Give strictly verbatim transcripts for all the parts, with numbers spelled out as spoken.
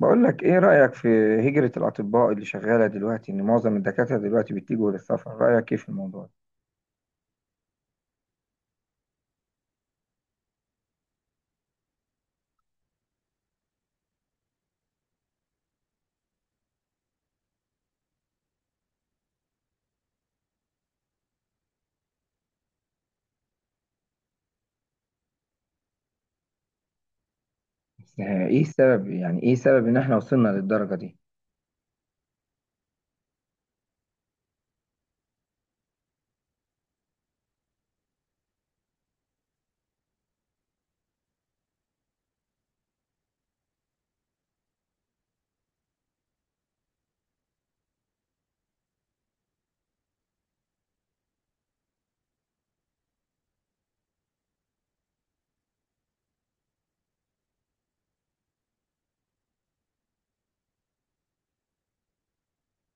بقول لك، ايه رأيك في هجرة الأطباء اللي شغالة دلوقتي؟ ان معظم الدكاترة دلوقتي بيتجهوا للسفر، رأيك ايه في الموضوع ده؟ بس ايه السبب؟ يعني ايه سبب ان احنا وصلنا للدرجة دي؟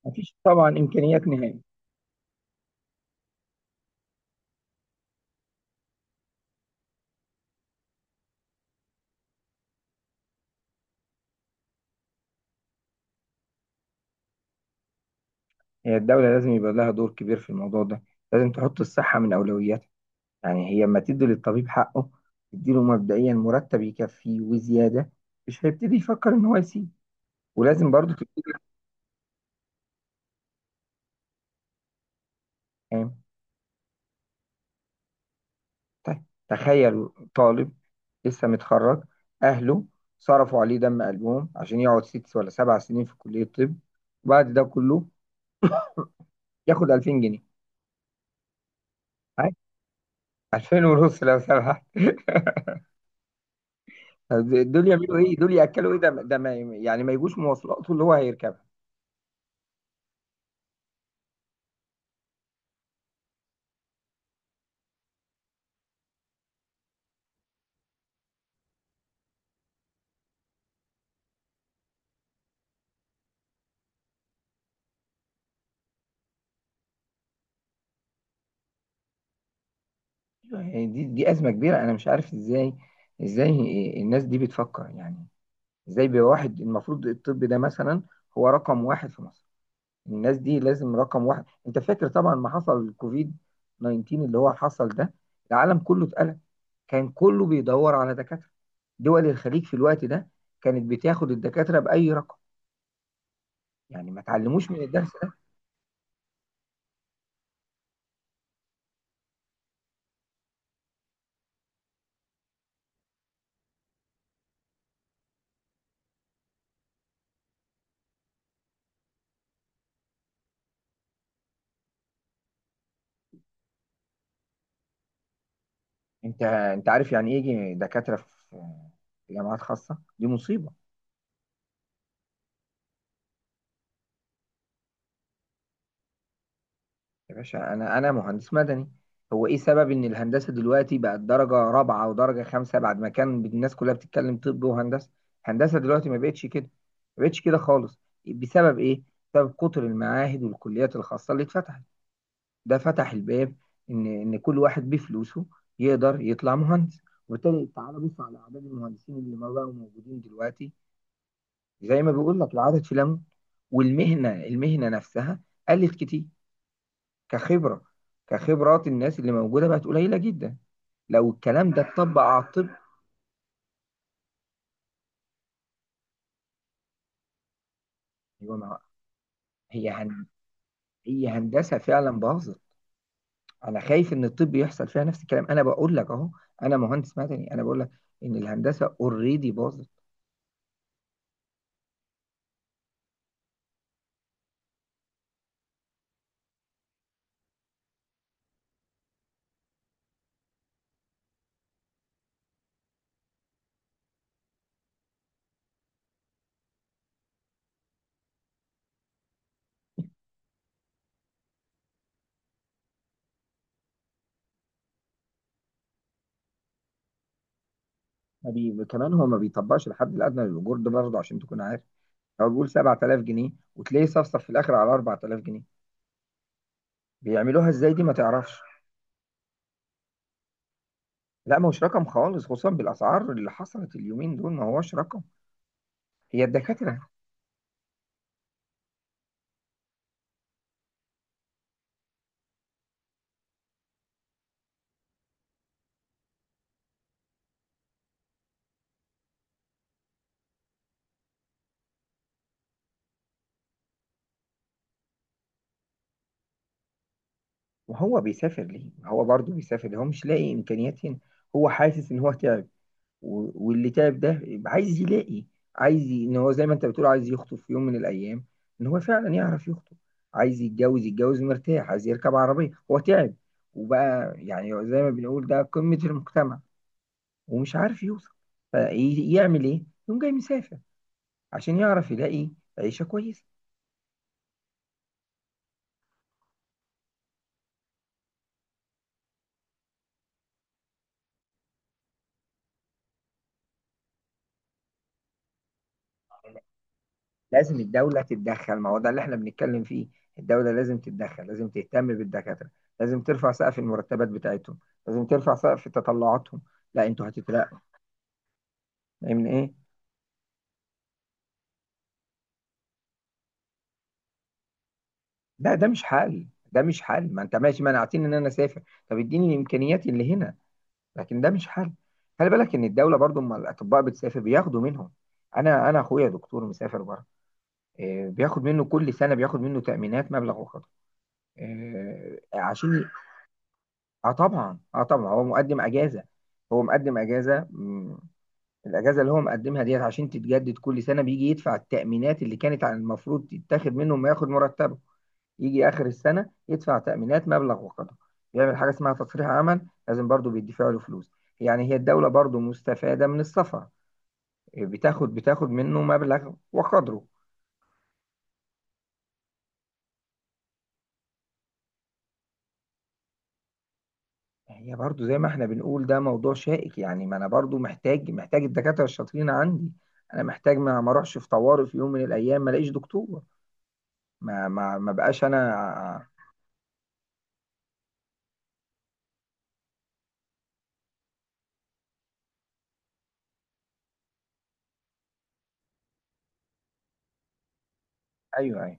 مفيش طبعا إمكانيات نهائي. هي الدولة لازم يبقى لها دور كبير في الموضوع ده، لازم تحط الصحة من أولوياتها. يعني هي لما تدي للطبيب حقه، تديله مبدئيا مرتب يكفيه وزيادة، مش هيبتدي يفكر ان هو يسيب. ولازم برضه تبقى. طيب تخيل، طالب لسه متخرج، أهله صرفوا عليه دم قلبهم عشان يقعد ست ولا سبع سنين في كلية طب، وبعد ده كله ياخد ألفين جنيه؟ عادي. ألفين ونص لو سمحت طب دول يعملوا ايه؟ دول ياكلوا ايه؟ ده ده ما يعني ما يجوش مواصلاته اللي هو هيركبها. يعني دي دي أزمة كبيرة، أنا مش عارف ازاي ازاي الناس دي بتفكر. يعني ازاي بواحد المفروض الطب ده مثلا هو رقم واحد في مصر؟ الناس دي لازم رقم واحد. انت فاكر طبعا ما حصل الكوفيد تسعتاشر اللي هو حصل ده؟ العالم كله اتقلق، كان كله بيدور على دكاترة. دول الخليج في الوقت ده كانت بتاخد الدكاترة بأي رقم. يعني ما تعلموش من الدرس ده؟ انت انت عارف يعني ايه يجي دكاترة في في جامعات خاصة؟ دي مصيبة. يا باشا انا انا مهندس مدني. هو ايه سبب ان الهندسه دلوقتي بقت درجه رابعه ودرجه خمسه، بعد ما كان الناس كلها بتتكلم طب وهندسه؟ هندسه دلوقتي ما بقتش كده، ما بقتش كده خالص. بسبب ايه؟ بسبب كتر المعاهد والكليات الخاصه اللي اتفتحت. ده فتح الباب ان ان كل واحد بفلوسه يقدر يطلع مهندس. وبالتالي تعالى بص على اعداد المهندسين اللي ما بقوا موجودين دلوقتي. زي ما بيقول لك، العدد في لم. والمهنه، المهنه نفسها قلت كتير، كخبرة، كخبرات الناس اللي موجودة بقت قليلة جدا لو الكلام ده اتطبق على الطب. أيوة، ما هي هن... هي هندسة فعلا باظت. أنا خايف إن الطب يحصل فيها نفس الكلام. أنا بقول لك أهو، أنا مهندس مدني، أنا بقول لك إن الهندسة أوريدي باظت. ما بي... كمان هو ما بيطبقش الحد الأدنى للأجور ده برضه، عشان تكون عارف. هو بيقول سبعة آلاف جنيه وتلاقيه صفصف في الآخر على اربعة آلاف جنيه. بيعملوها إزاي دي، ما تعرفش. لا، ما هوش رقم خالص، خصوصا بالاسعار اللي حصلت اليومين دول، ما هوش رقم. هي الدكاتره. وهو بيسافر ليه؟ ما هو برضه بيسافر ليه؟ هو مش لاقي إمكانيات هنا، هو حاسس إن هو تعب، و- واللي تعب ده يبقى عايز يلاقي. عايز ي- إن هو زي ما أنت بتقول عايز يخطب في يوم من الأيام، إن هو فعلا يعرف يخطب، عايز يتجوز، يتجوز مرتاح، عايز يركب عربية. هو تعب، وبقى يعني زي ما بنقول ده قمة المجتمع ومش عارف يوصل. فيعمل إيه؟ يقوم جاي مسافر عشان يعرف يلاقي عيشة كويسة. لازم الدولة تتدخل، ما هو ده اللي احنا بنتكلم فيه. الدولة لازم تتدخل، لازم تهتم بالدكاترة، لازم ترفع سقف المرتبات بتاعتهم، لازم ترفع سقف تطلعاتهم. لا، انتوا هتترقوا. من ايه؟ ده ده مش حل، ده مش حل. ما انت ماشي منعتني ان انا اسافر، طب اديني الامكانيات اللي هنا. لكن ده مش حل. خلي بالك ان الدولة برضو اما الاطباء بتسافر بياخدوا منهم. انا انا اخويا دكتور مسافر بره. إيه، بياخد منه كل سنة، بياخد منه تأمينات مبلغ وقدره. إيه، عشان اه طبعا، اه طبعا هو مقدم اجازه. هو مقدم اجازه. مم، الاجازه اللي هو مقدمها ديت عشان تتجدد كل سنه بيجي يدفع التامينات اللي كانت على المفروض تتاخد منه ما ياخد مرتبه. يجي اخر السنه يدفع تامينات مبلغ وقدره. بيعمل حاجه اسمها تصريح عمل، لازم برضه بيدفع له فلوس. يعني هي الدوله برضه مستفاده من السفر، بتاخد بتاخد منه مبلغ وقدره. هي برضو زي ما احنا بنقول، ده موضوع شائك. يعني ما انا برضو محتاج محتاج الدكاترة الشاطرين عندي. انا محتاج ما ما اروحش في طوارئ في يوم من الايام ما الاقيش دكتور. ما ما ما بقاش انا. ايوه، ايوه،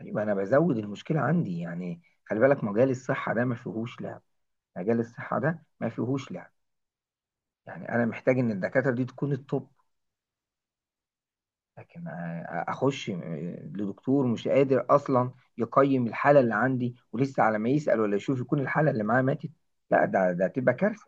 ايوه، انا بزود المشكلة عندي. يعني خلي بالك مجال الصحة ده ما فيهوش لعب. مجال الصحة ده ما فيهوش لعب. يعني انا محتاج ان الدكاترة دي تكون التوب. لكن آه، اخش آه، لدكتور مش قادر اصلا يقيم الحالة اللي عندي، ولسه على ما يسأل ولا يشوف يكون الحالة اللي معاه ماتت. لا، ده ده تبقى كارثة.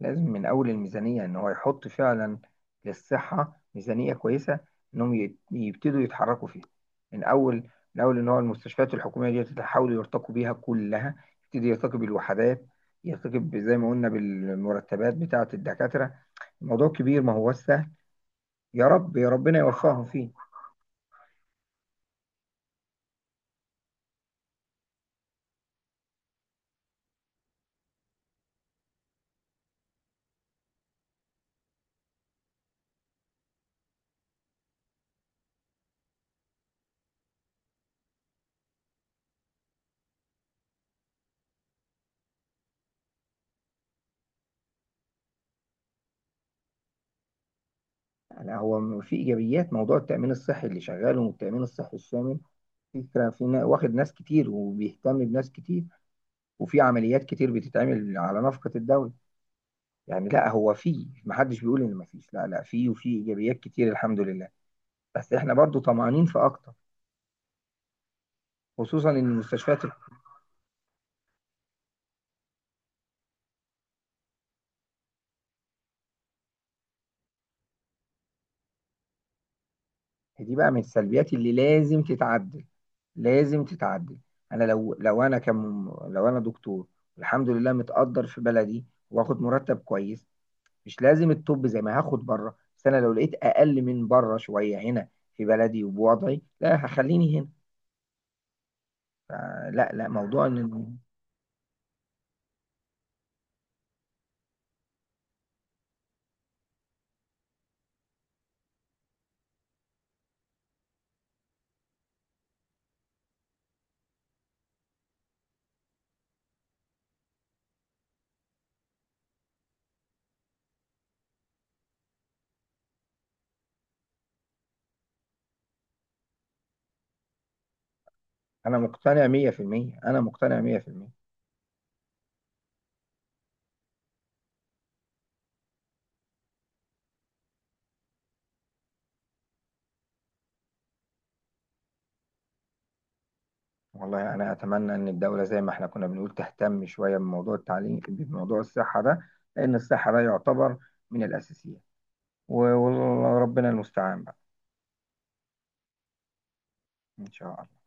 لازم من أول الميزانية إن هو يحط فعلا للصحة ميزانية كويسة. إنهم يت- يبتدوا يتحركوا فيها. من أول، من أول إن هو المستشفيات الحكومية دي تحاولوا يرتقوا بيها كلها، يبتدي يرتقي بالوحدات، يرتقي ب- زي ما قلنا بالمرتبات بتاعة الدكاترة. الموضوع كبير، ما هو سهل. يا رب، يا ربنا يوفقهم فيه. يعني هو م- في إيجابيات موضوع التأمين الصحي اللي شغال، والتأمين الصحي الشامل فكرة في نا- واخد ناس كتير وبيهتم بناس كتير. وفي عمليات كتير بتتعمل على نفقة الدولة. يعني لا هو فيه، محدش بيقول ان مفيش. لا، لا، فيه، وفيه ايجابيات كتير الحمد لله. بس احنا برضو طمعانين في اكتر، خصوصا ان المستشفيات دي. بقى من السلبيات اللي لازم تتعدل، لازم تتعدل. انا لو، لو انا كم، لو انا دكتور الحمد لله متقدر في بلدي، واخد مرتب كويس، مش لازم الطب زي ما هاخد بره، بس انا لو لقيت اقل من بره شويه هنا في بلدي وبوضعي، لا هخليني هنا. لا، لا، موضوع ان انا مقتنع مية في المية. انا مقتنع مية في المية. والله أنا أتمنى إن الدولة زي ما إحنا كنا بنقول تهتم شوية بموضوع التعليم، بموضوع الصحة ده، لأن الصحة ده يعتبر من الأساسيات. و- وربنا المستعان بقى. إن شاء الله.